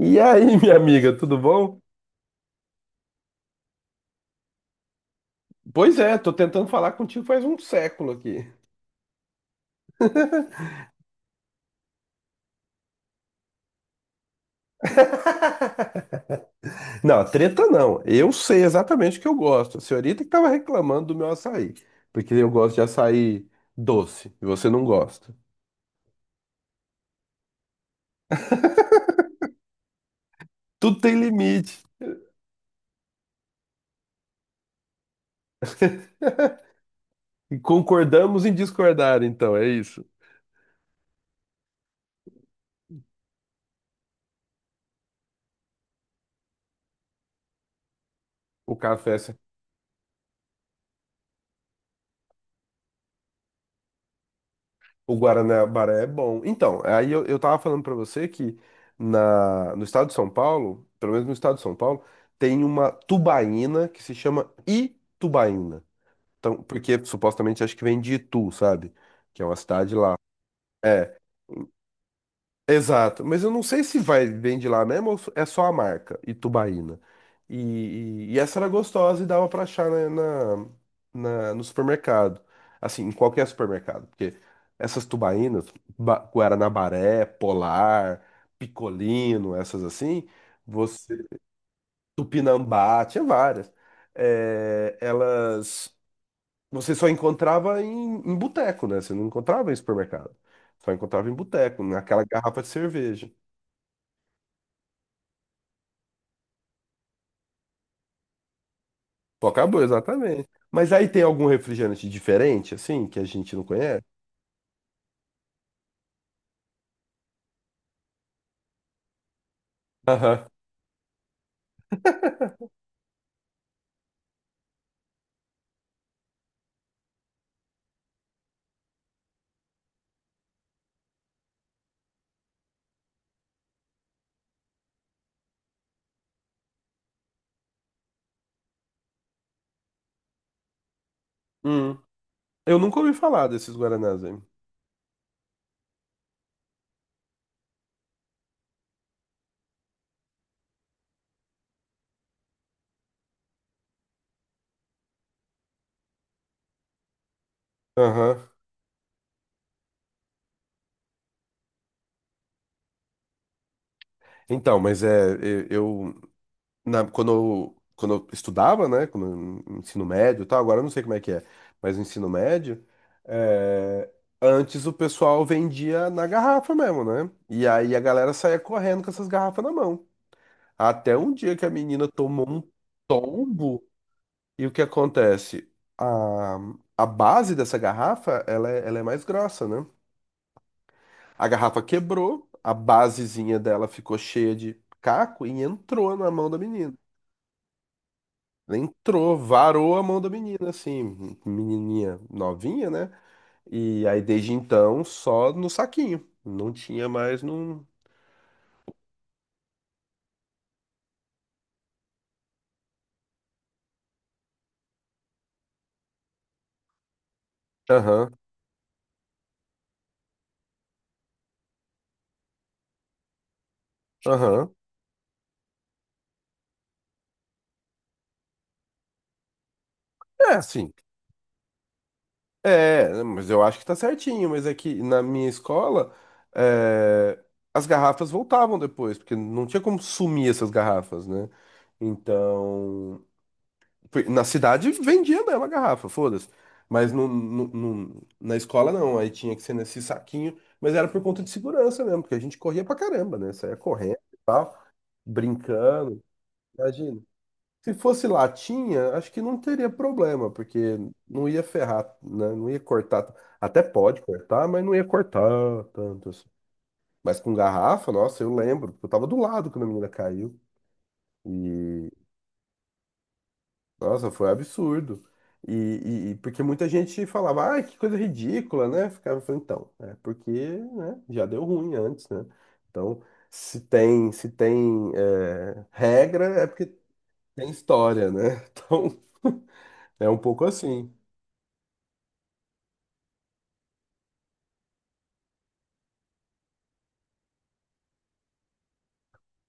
E aí, minha amiga, tudo bom? Pois é, tô tentando falar contigo faz um século aqui. Não, treta não. Eu sei exatamente o que eu gosto. A senhorita que tava reclamando do meu açaí, porque eu gosto de açaí doce e você não gosta. Tudo tem limite. E concordamos em discordar, então, é isso. O café, o Guaraná-Baré é bom. Então, aí eu tava falando pra você que no estado de São Paulo, pelo menos no estado de São Paulo, tem uma tubaína que se chama Itubaína. Então, porque supostamente acho que vem de Itu, sabe? Que é uma cidade lá. É, exato. Mas eu não sei se vai vem de lá mesmo ou é só a marca, Itubaína. E essa era gostosa e dava pra achar no supermercado. Assim, em qualquer supermercado. Porque essas tubaínas, Guaranabaré, Polar, Picolino, essas assim, você, Tupinambá, tinha várias. É, elas. Você só encontrava em boteco, né? Você não encontrava em supermercado. Só encontrava em boteco, naquela garrafa de cerveja. Pô, acabou, exatamente. Mas aí tem algum refrigerante diferente, assim, que a gente não conhece? Aham. Hum. Eu nunca ouvi falar desses Guaranás aí. Aham. Então, mas é, na, quando eu estudava, né? Ensino médio e tal, agora eu não sei como é que é, mas no ensino médio, é, antes o pessoal vendia na garrafa mesmo, né? E aí a galera saía correndo com essas garrafas na mão. Até um dia que a menina tomou um tombo, e o que acontece? A, a base dessa garrafa, ela é mais grossa, né? A garrafa quebrou, a basezinha dela ficou cheia de caco e entrou na mão da menina. Né, entrou, varou a mão da menina, assim, menininha novinha, né? E aí desde então só no saquinho, não tinha mais no. Aham, aham. É assim, é, mas eu acho que tá certinho, mas é que na minha escola é, as garrafas voltavam depois, porque não tinha como sumir essas garrafas, né? Então. Na cidade vendia mesmo a garrafa, foda-se. Mas na escola não, aí tinha que ser nesse saquinho. Mas era por conta de segurança mesmo, porque a gente corria pra caramba, né? Saía correndo e tal, brincando. Imagina. Se fosse latinha, acho que não teria problema, porque não ia ferrar, né? Não ia cortar. Até pode cortar, mas não ia cortar tanto assim. Mas com garrafa, nossa, eu lembro, eu tava do lado quando a menina caiu. E nossa, foi absurdo. E porque muita gente falava, ah, que coisa ridícula, né? Ficava falando, então, é porque, né, já deu ruim antes, né? Então, se tem é, regra, é porque tem história, né? Então, é um pouco assim.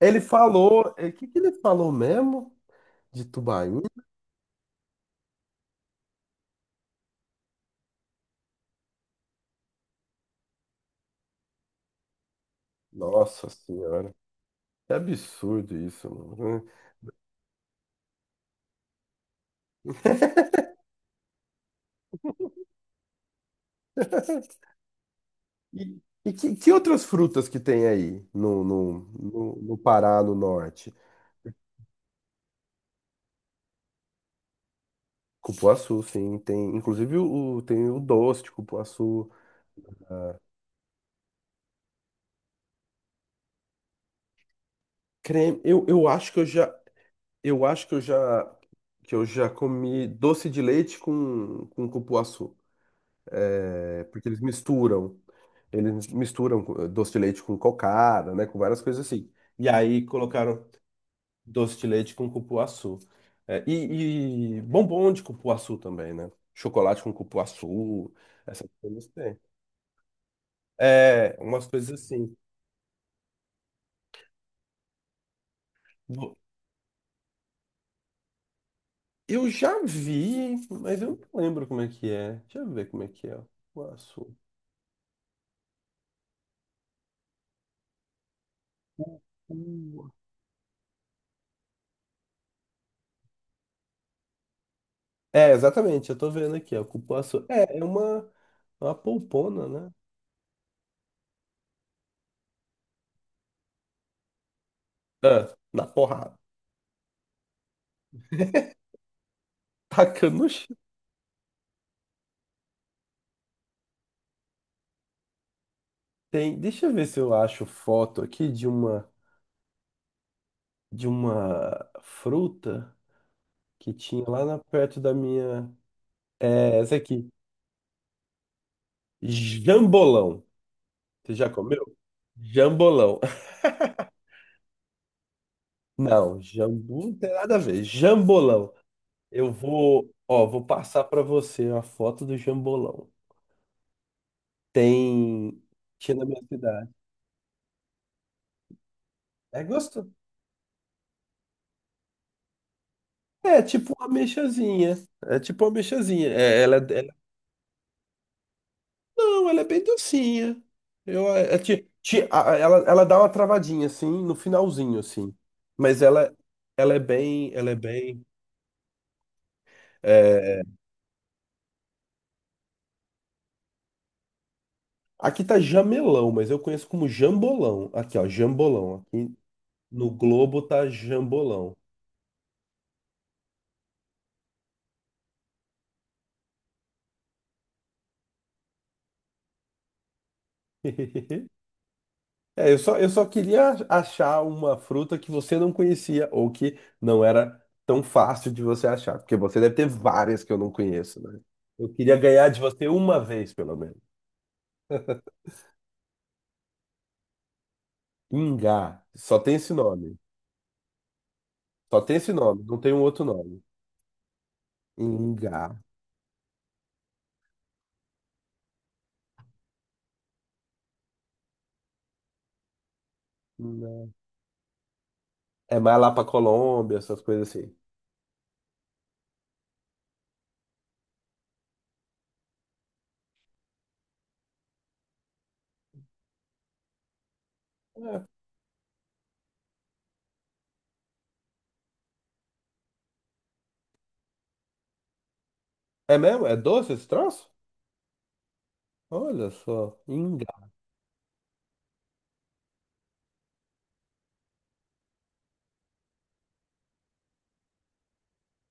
Ele falou, é, o que que ele falou mesmo de Tubaína? Nossa Senhora, que absurdo isso, mano. E que outras frutas que tem aí no Pará, no norte? Cupuaçu, sim. Tem, inclusive o, tem o doce de cupuaçu. Creme. Eu acho que eu já, eu acho que eu já comi doce de leite com cupuaçu. É, porque eles misturam. Doce de leite com cocada, né? Com várias coisas assim. E aí colocaram. Doce de leite com cupuaçu. É, e bombom de cupuaçu também, né? Chocolate com cupuaçu, essas coisas tem. É, umas coisas assim. Bo- Eu já vi, mas eu não lembro como é que é. Deixa eu ver como é que é. Cupuaçu. Cu- É, exatamente, eu tô vendo aqui, ó. Cupuaçu. É, é uma polpona, né? Ah, na porrada. Tacando no chão. Tem, deixa eu ver se eu acho foto aqui de uma fruta. Que tinha lá na perto da minha. É essa aqui. Jambolão. Você já comeu? Jambolão. Não, jambu não tem nada a ver. Jambolão. Eu vou, ó, vou passar pra você a foto do jambolão. Tem, tinha na minha cidade. É gostoso. É tipo uma ameixazinha. É tipo uma ameixazinha. É, ela, não, ela é bem docinha. Eu, é, ela dá uma travadinha, assim, no finalzinho, assim. Mas ela, ela é bem... é, aqui tá jamelão, mas eu conheço como jambolão. Aqui, ó, jambolão. Aqui no Globo tá jambolão. É, eu só queria achar uma fruta que você não conhecia ou que não era tão fácil de você achar, porque você deve ter várias que eu não conheço, né? Eu queria ganhar de você uma vez, pelo menos. Ingá. Só tem esse nome. Só tem esse nome, não tem um outro nome. Ingá. Não. É mais lá pra Colômbia, essas coisas assim. É, é mesmo? É doce esse troço? Olha só. Ingá.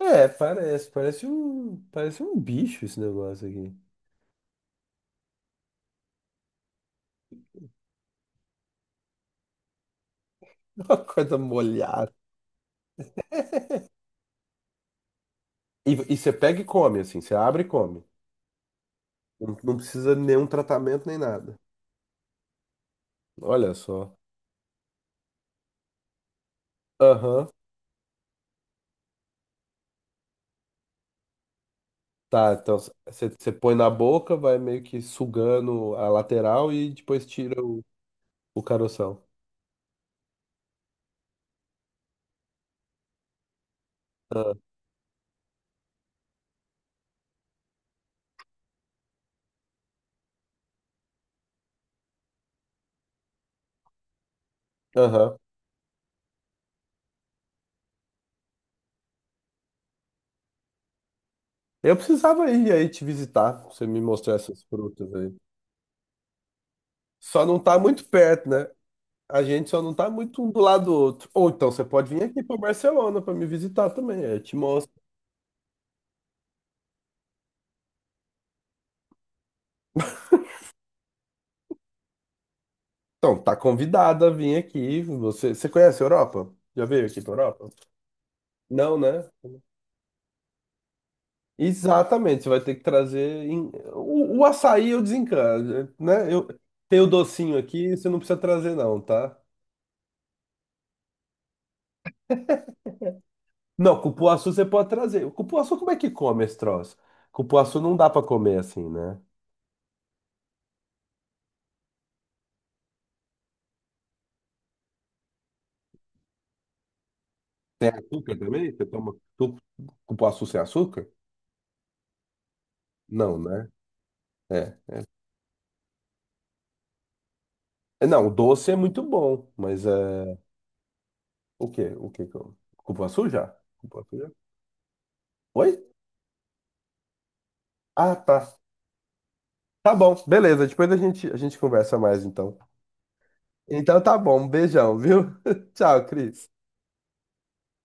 É, parece. Parece um bicho esse negócio aqui. Uma coisa molhada. E você pega e come, assim. Você abre e come. Não, não precisa de nenhum tratamento nem nada. Olha só. Aham. Tá, então você põe na boca, vai meio que sugando a lateral e depois tira o caroção. Ah, aham. Eu precisava ir aí te visitar, pra você me mostrar essas frutas aí. Só não tá muito perto, né? A gente só não tá muito um do lado do outro. Ou então você pode vir aqui pra Barcelona pra me visitar também, aí eu te mostro. Então, tá convidada a vir aqui. Você conhece a Europa? Já veio aqui pra Europa? Não, né? Exatamente, você vai ter que trazer. O açaí eu desencano, né? Eu tenho o docinho aqui, você não precisa trazer, não, tá? Não, cupuaçu você pode trazer. O Cupuaçu, como é que come esse troço? Cupuaçu não dá pra comer assim, né? Açúcar também? Cupuaçu sem açúcar? Não, né? É. É, não, o doce é muito bom, mas é. O quê? O quê que eu. Cupuaçu já? Cupuaçu já? Oi? Ah, tá. Tá bom, beleza. Depois a gente conversa mais então. Então tá bom, um beijão, viu? Tchau, Cris.